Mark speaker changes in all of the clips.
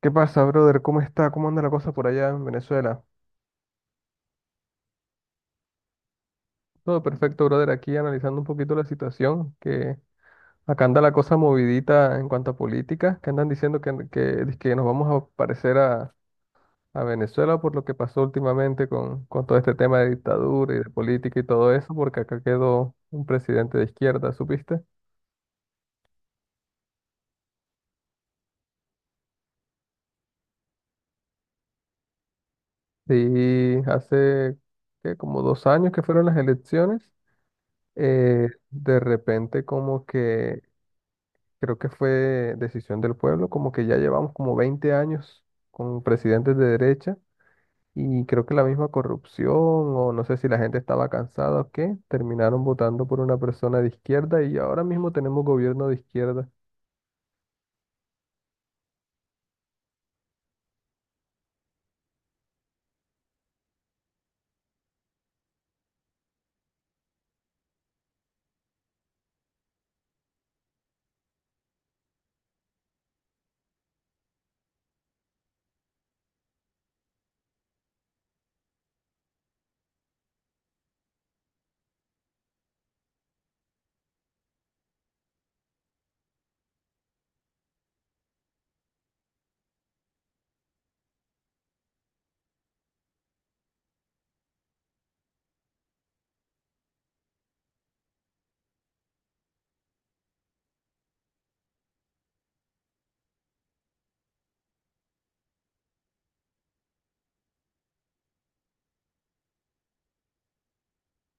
Speaker 1: ¿Qué pasa, brother? ¿Cómo está? ¿Cómo anda la cosa por allá en Venezuela? Todo perfecto, brother. Aquí analizando un poquito la situación, que acá anda la cosa movidita en cuanto a política, que andan diciendo que nos vamos a parecer a Venezuela por lo que pasó últimamente con todo este tema de dictadura y de política y todo eso, porque acá quedó un presidente de izquierda. ¿Supiste? Sí, hace ¿qué?, como dos años que fueron las elecciones. De repente como que creo que fue decisión del pueblo, como que ya llevamos como 20 años con presidentes de derecha, y creo que la misma corrupción, o no sé si la gente estaba cansada o qué, terminaron votando por una persona de izquierda y ahora mismo tenemos gobierno de izquierda.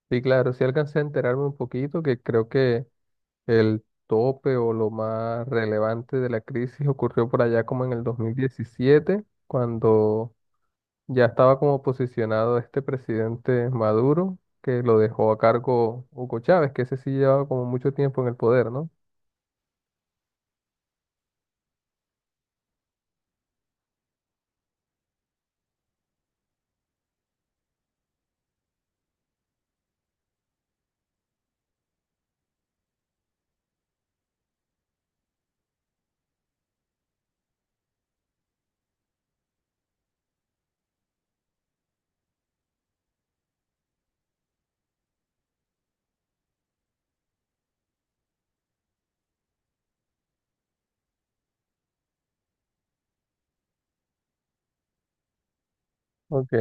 Speaker 1: Y claro, sí alcancé a enterarme un poquito que creo que el tope o lo más relevante de la crisis ocurrió por allá como en el 2017, cuando ya estaba como posicionado este presidente Maduro, que lo dejó a cargo Hugo Chávez, que ese sí llevaba como mucho tiempo en el poder, ¿no? Ok,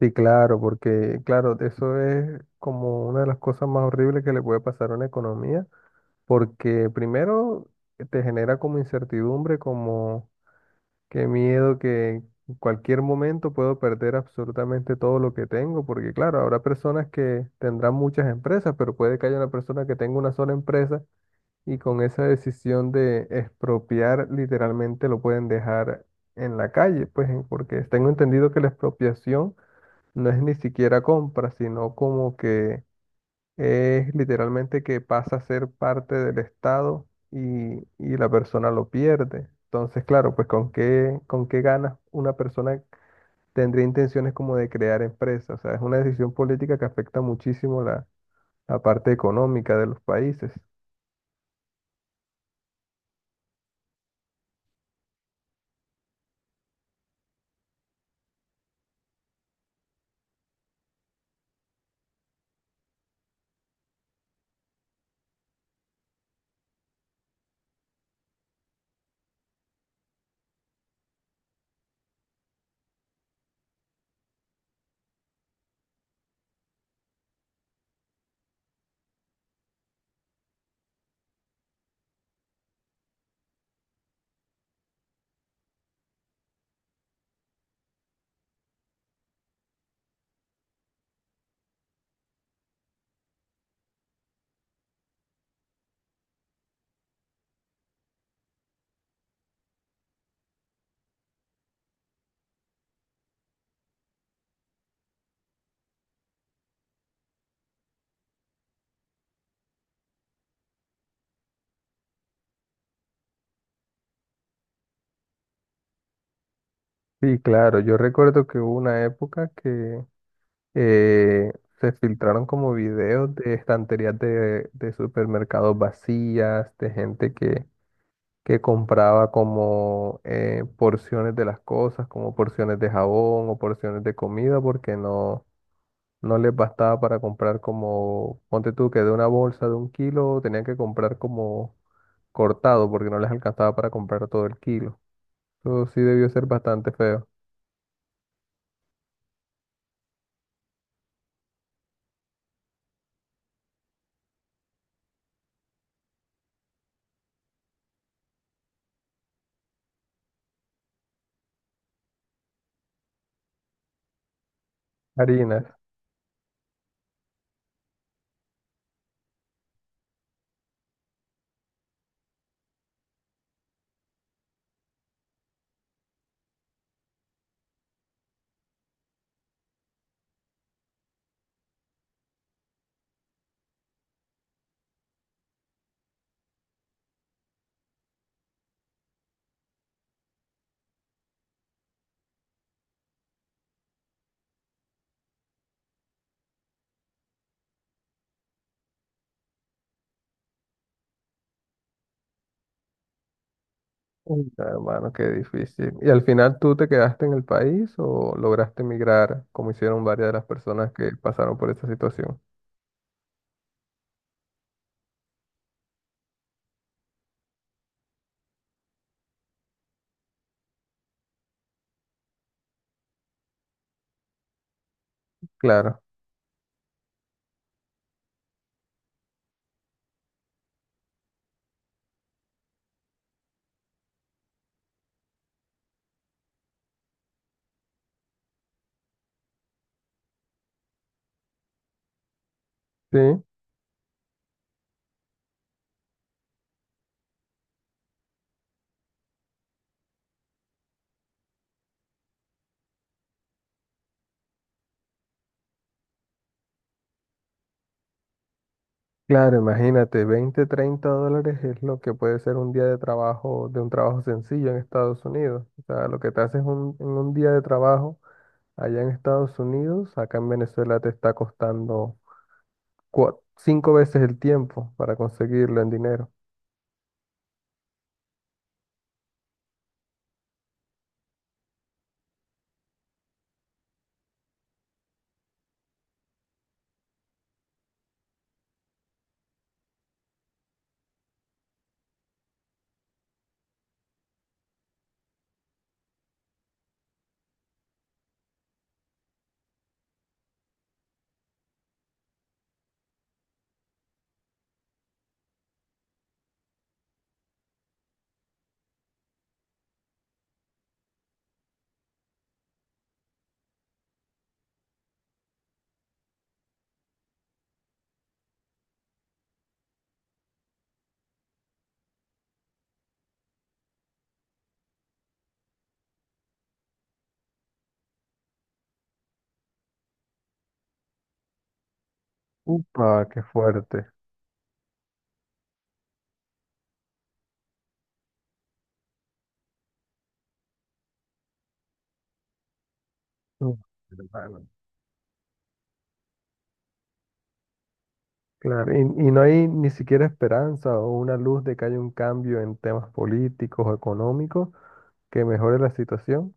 Speaker 1: sí, claro, porque claro, eso es como una de las cosas más horribles que le puede pasar a una economía, porque primero te genera como incertidumbre, como qué miedo que en cualquier momento puedo perder absolutamente todo lo que tengo, porque claro, habrá personas que tendrán muchas empresas, pero puede que haya una persona que tenga una sola empresa. Y con esa decisión de expropiar, literalmente lo pueden dejar en la calle, pues en- porque tengo entendido que la expropiación no es ni siquiera compra, sino como que es literalmente que pasa a ser parte del Estado y la persona lo pierde. Entonces, claro, pues con qué ganas una persona tendría intenciones como de crear empresas. O sea, es una decisión política que afecta muchísimo la, la parte económica de los países. Sí, claro, yo recuerdo que hubo una época que, eh, se filtraron como videos de estanterías de supermercados vacías, de gente que compraba como porciones de las cosas, como porciones de jabón o porciones de comida, porque no, no les bastaba para comprar como, ponte tú que de una bolsa de un kilo tenían que comprar como cortado, porque no les alcanzaba para comprar todo el kilo. Eso sí debió ser bastante feo. Harinas. Uy, hermano, qué difícil. ¿Y al final tú te quedaste en el país o lograste emigrar, como hicieron varias de las personas que pasaron por esta situación? Claro, sí, claro, imagínate, 20 o 30 dólares es lo que puede ser un día de trabajo, de un trabajo sencillo en Estados Unidos. O sea, lo que te haces un- en un día de trabajo allá en Estados Unidos, acá en Venezuela te está costando cua- 5 veces el tiempo para conseguirlo en dinero. Upa, qué fuerte. Uf, claro, y no hay ni siquiera esperanza o una luz de que haya un cambio en temas políticos o económicos que mejore la situación.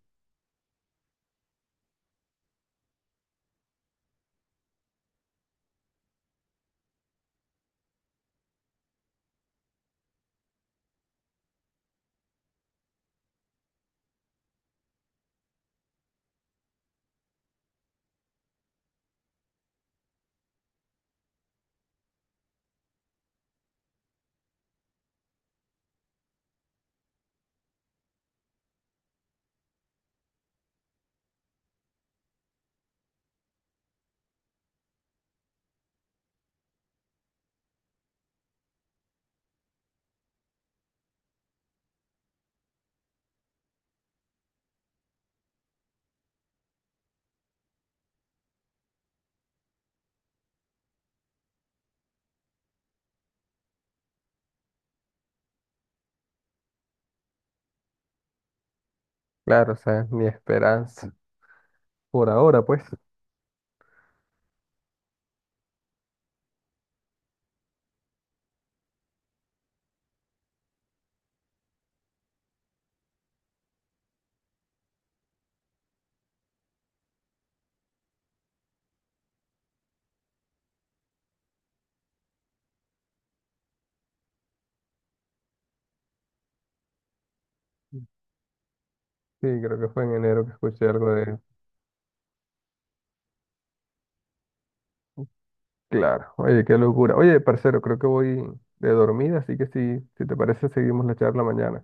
Speaker 1: Claro, o sea, ni esperanza. Por ahora, pues. Sí, creo que fue en enero que escuché algo de... Claro, oye, qué locura. Oye, parcero, creo que voy de dormida, así que si te parece, seguimos la charla mañana.